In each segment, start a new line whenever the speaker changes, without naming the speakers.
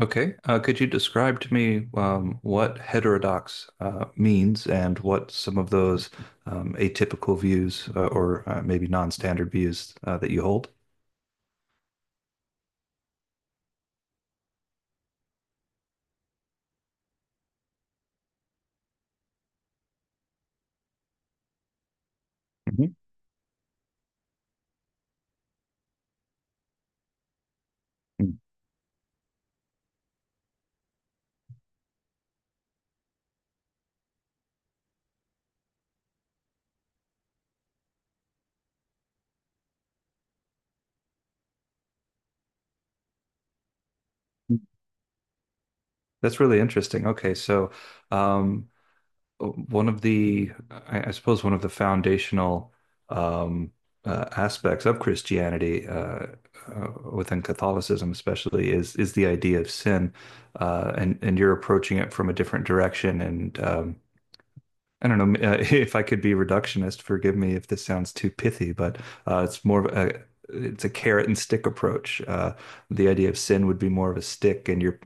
Okay. Could you describe to me what heterodox means and what some of those atypical views or maybe non-standard views that you hold? Mhm. mm That's really interesting. Okay, so um, one of I suppose, one of the foundational um, aspects of Christianity within Catholicism, especially, is the idea of sin, and you're approaching it from a different direction, and I don't know if I could be reductionist. Forgive me if this sounds too pithy, but it's more of a it's a carrot and stick approach. The idea of sin would be more of a stick, and you're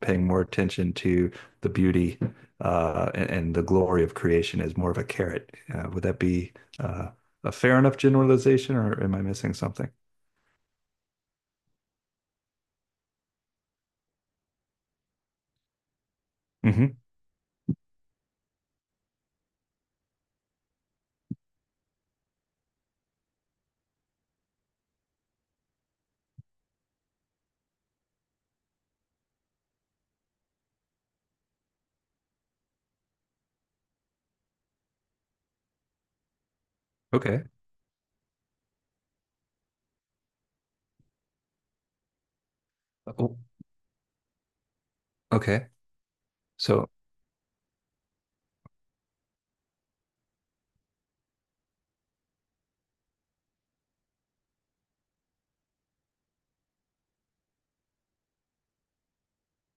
paying more attention to the beauty and the glory of creation as more of a carrot. Would that be uh, a fair enough generalization, or am I missing something? Hmm. Okay. Oh, okay. So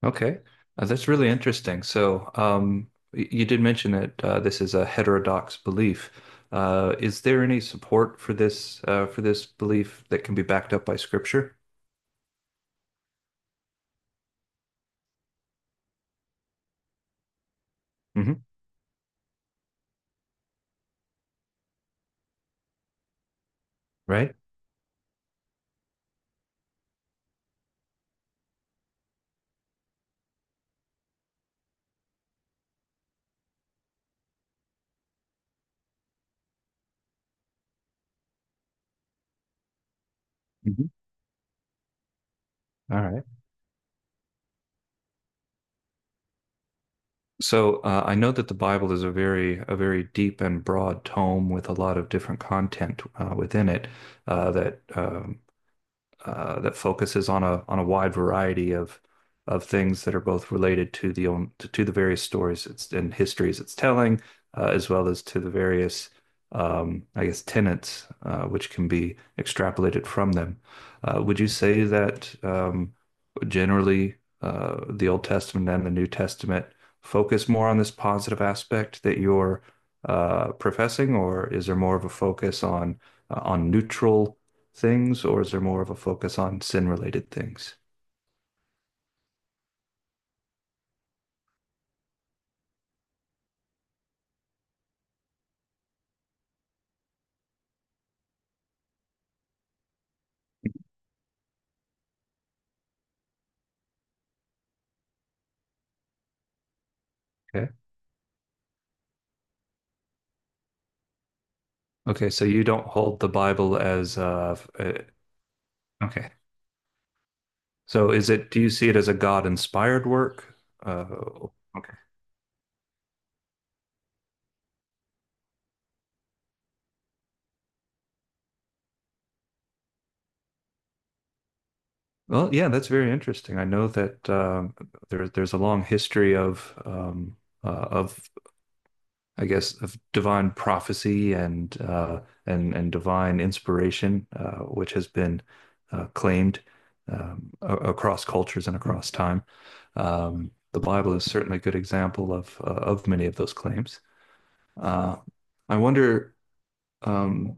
okay, that's really interesting. So, you did mention that this is a heterodox belief. Is there any support for this belief that can be backed up by scripture? Hmm. Right? Hmm. All right. So, I know that the Bible is a very deep and broad tome with a lot of different content within it uh, that um, that focuses on a wide variety of things that are both related to the own to the various stories it's and histories it's telling, as well as to the various I guess tenets which can be extrapolated from them. Would you say that generally the Old Testament and the New Testament focus more on this positive aspect that you're professing, or is there more of a focus on neutral things, or is there more of a focus on sin related things? Okay. Okay. So you don't hold the Bible as, okay. So is it, do you see it as a God inspired work? Uh, okay. Well, yeah, that's very interesting. I know that there's a long history of I guess, of divine prophecy and and divine inspiration, which has been claimed um, across cultures and across time. The Bible is certainly a good example of many of those claims. Uh, I wonder um,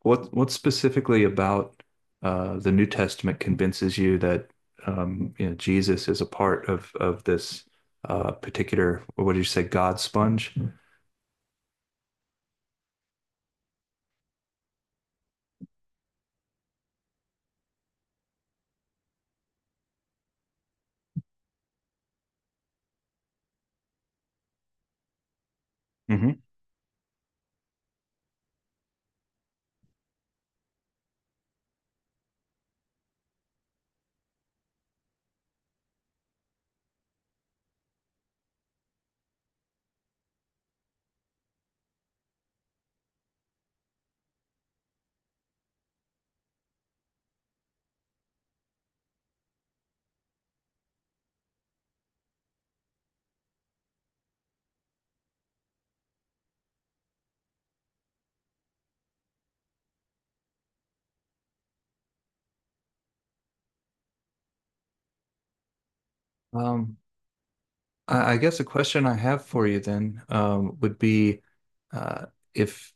what specifically about the New Testament convinces you that you know, Jesus is a part of this particular, what did you say, God sponge? Mhm. Um, I guess a question I have for you then would be uh, if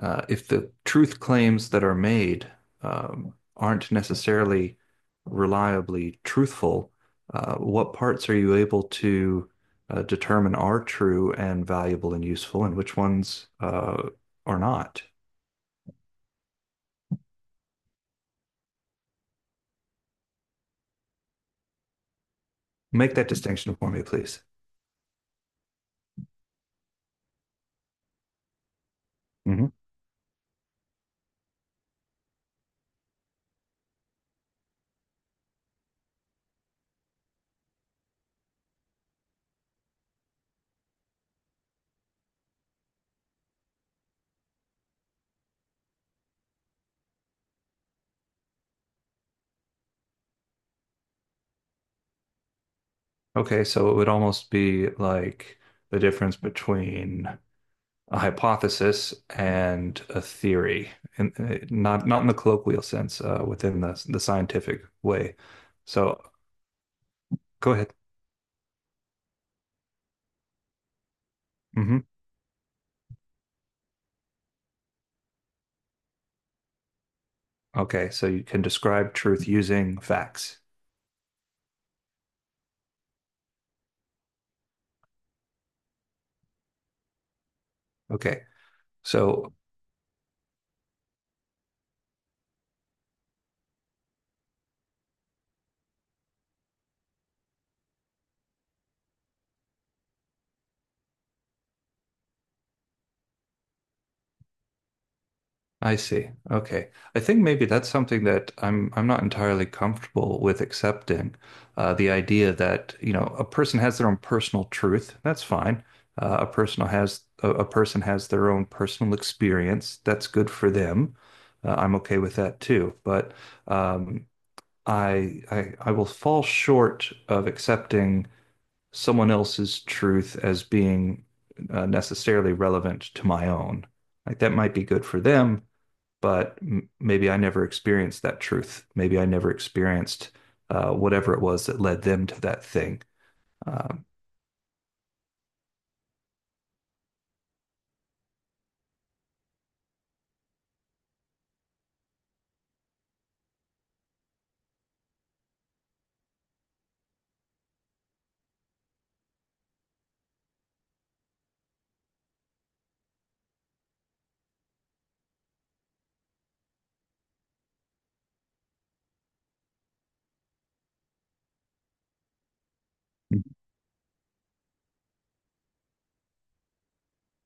if the truth claims that are made aren't necessarily reliably truthful, what parts are you able to determine are true and valuable and useful, and which ones are not? Make that distinction for me, please. Hmm. Okay, so it would almost be like the difference between a hypothesis and a theory, and not in the colloquial sense, within the scientific way. So go ahead. Hmm. Okay, so you can describe truth using facts. Okay, so I see. Okay. I think maybe that's something that I'm not entirely comfortable with accepting. The idea that, you know, a person has their own personal truth. That's fine. A person has a person has their own personal experience. That's good for them. I'm okay with that too. But um, I will fall short of accepting someone else's truth as being necessarily relevant to my own. Like that might be good for them but m maybe I never experienced that truth. Maybe I never experienced whatever it was that led them to that thing. Um,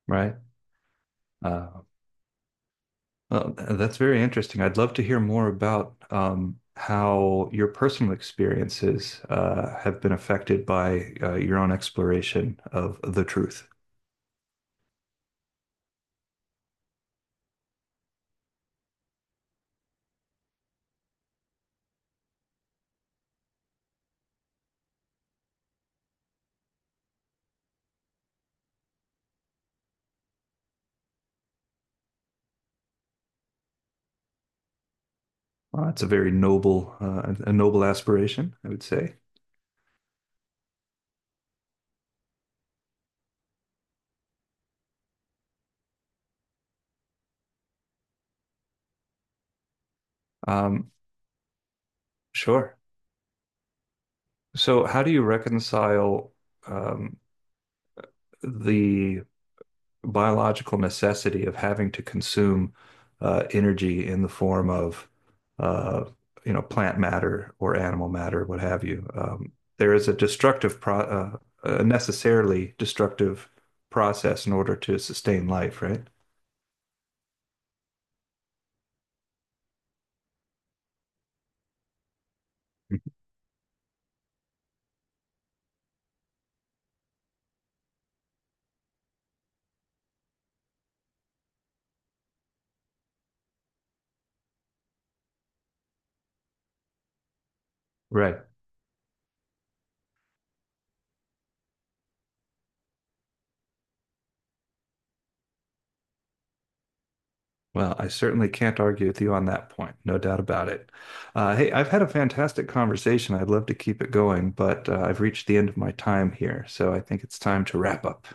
right. Uh, well, that's very interesting. I'd love to hear more about how your personal experiences have been affected by your own exploration of the truth. It's a very noble, a noble aspiration, I would say. Um, sure. So, how do you reconcile um, the biological necessity of having to consume energy in the form of uh, you know plant matter or animal matter, what have you. There is a destructive pro a necessarily destructive process in order to sustain life, right? Mhm. Right. Well, I certainly can't argue with you on that point, no doubt about it. Hey, I've had a fantastic conversation. I'd love to keep it going, but I've reached the end of my time here, so I think it's time to wrap up.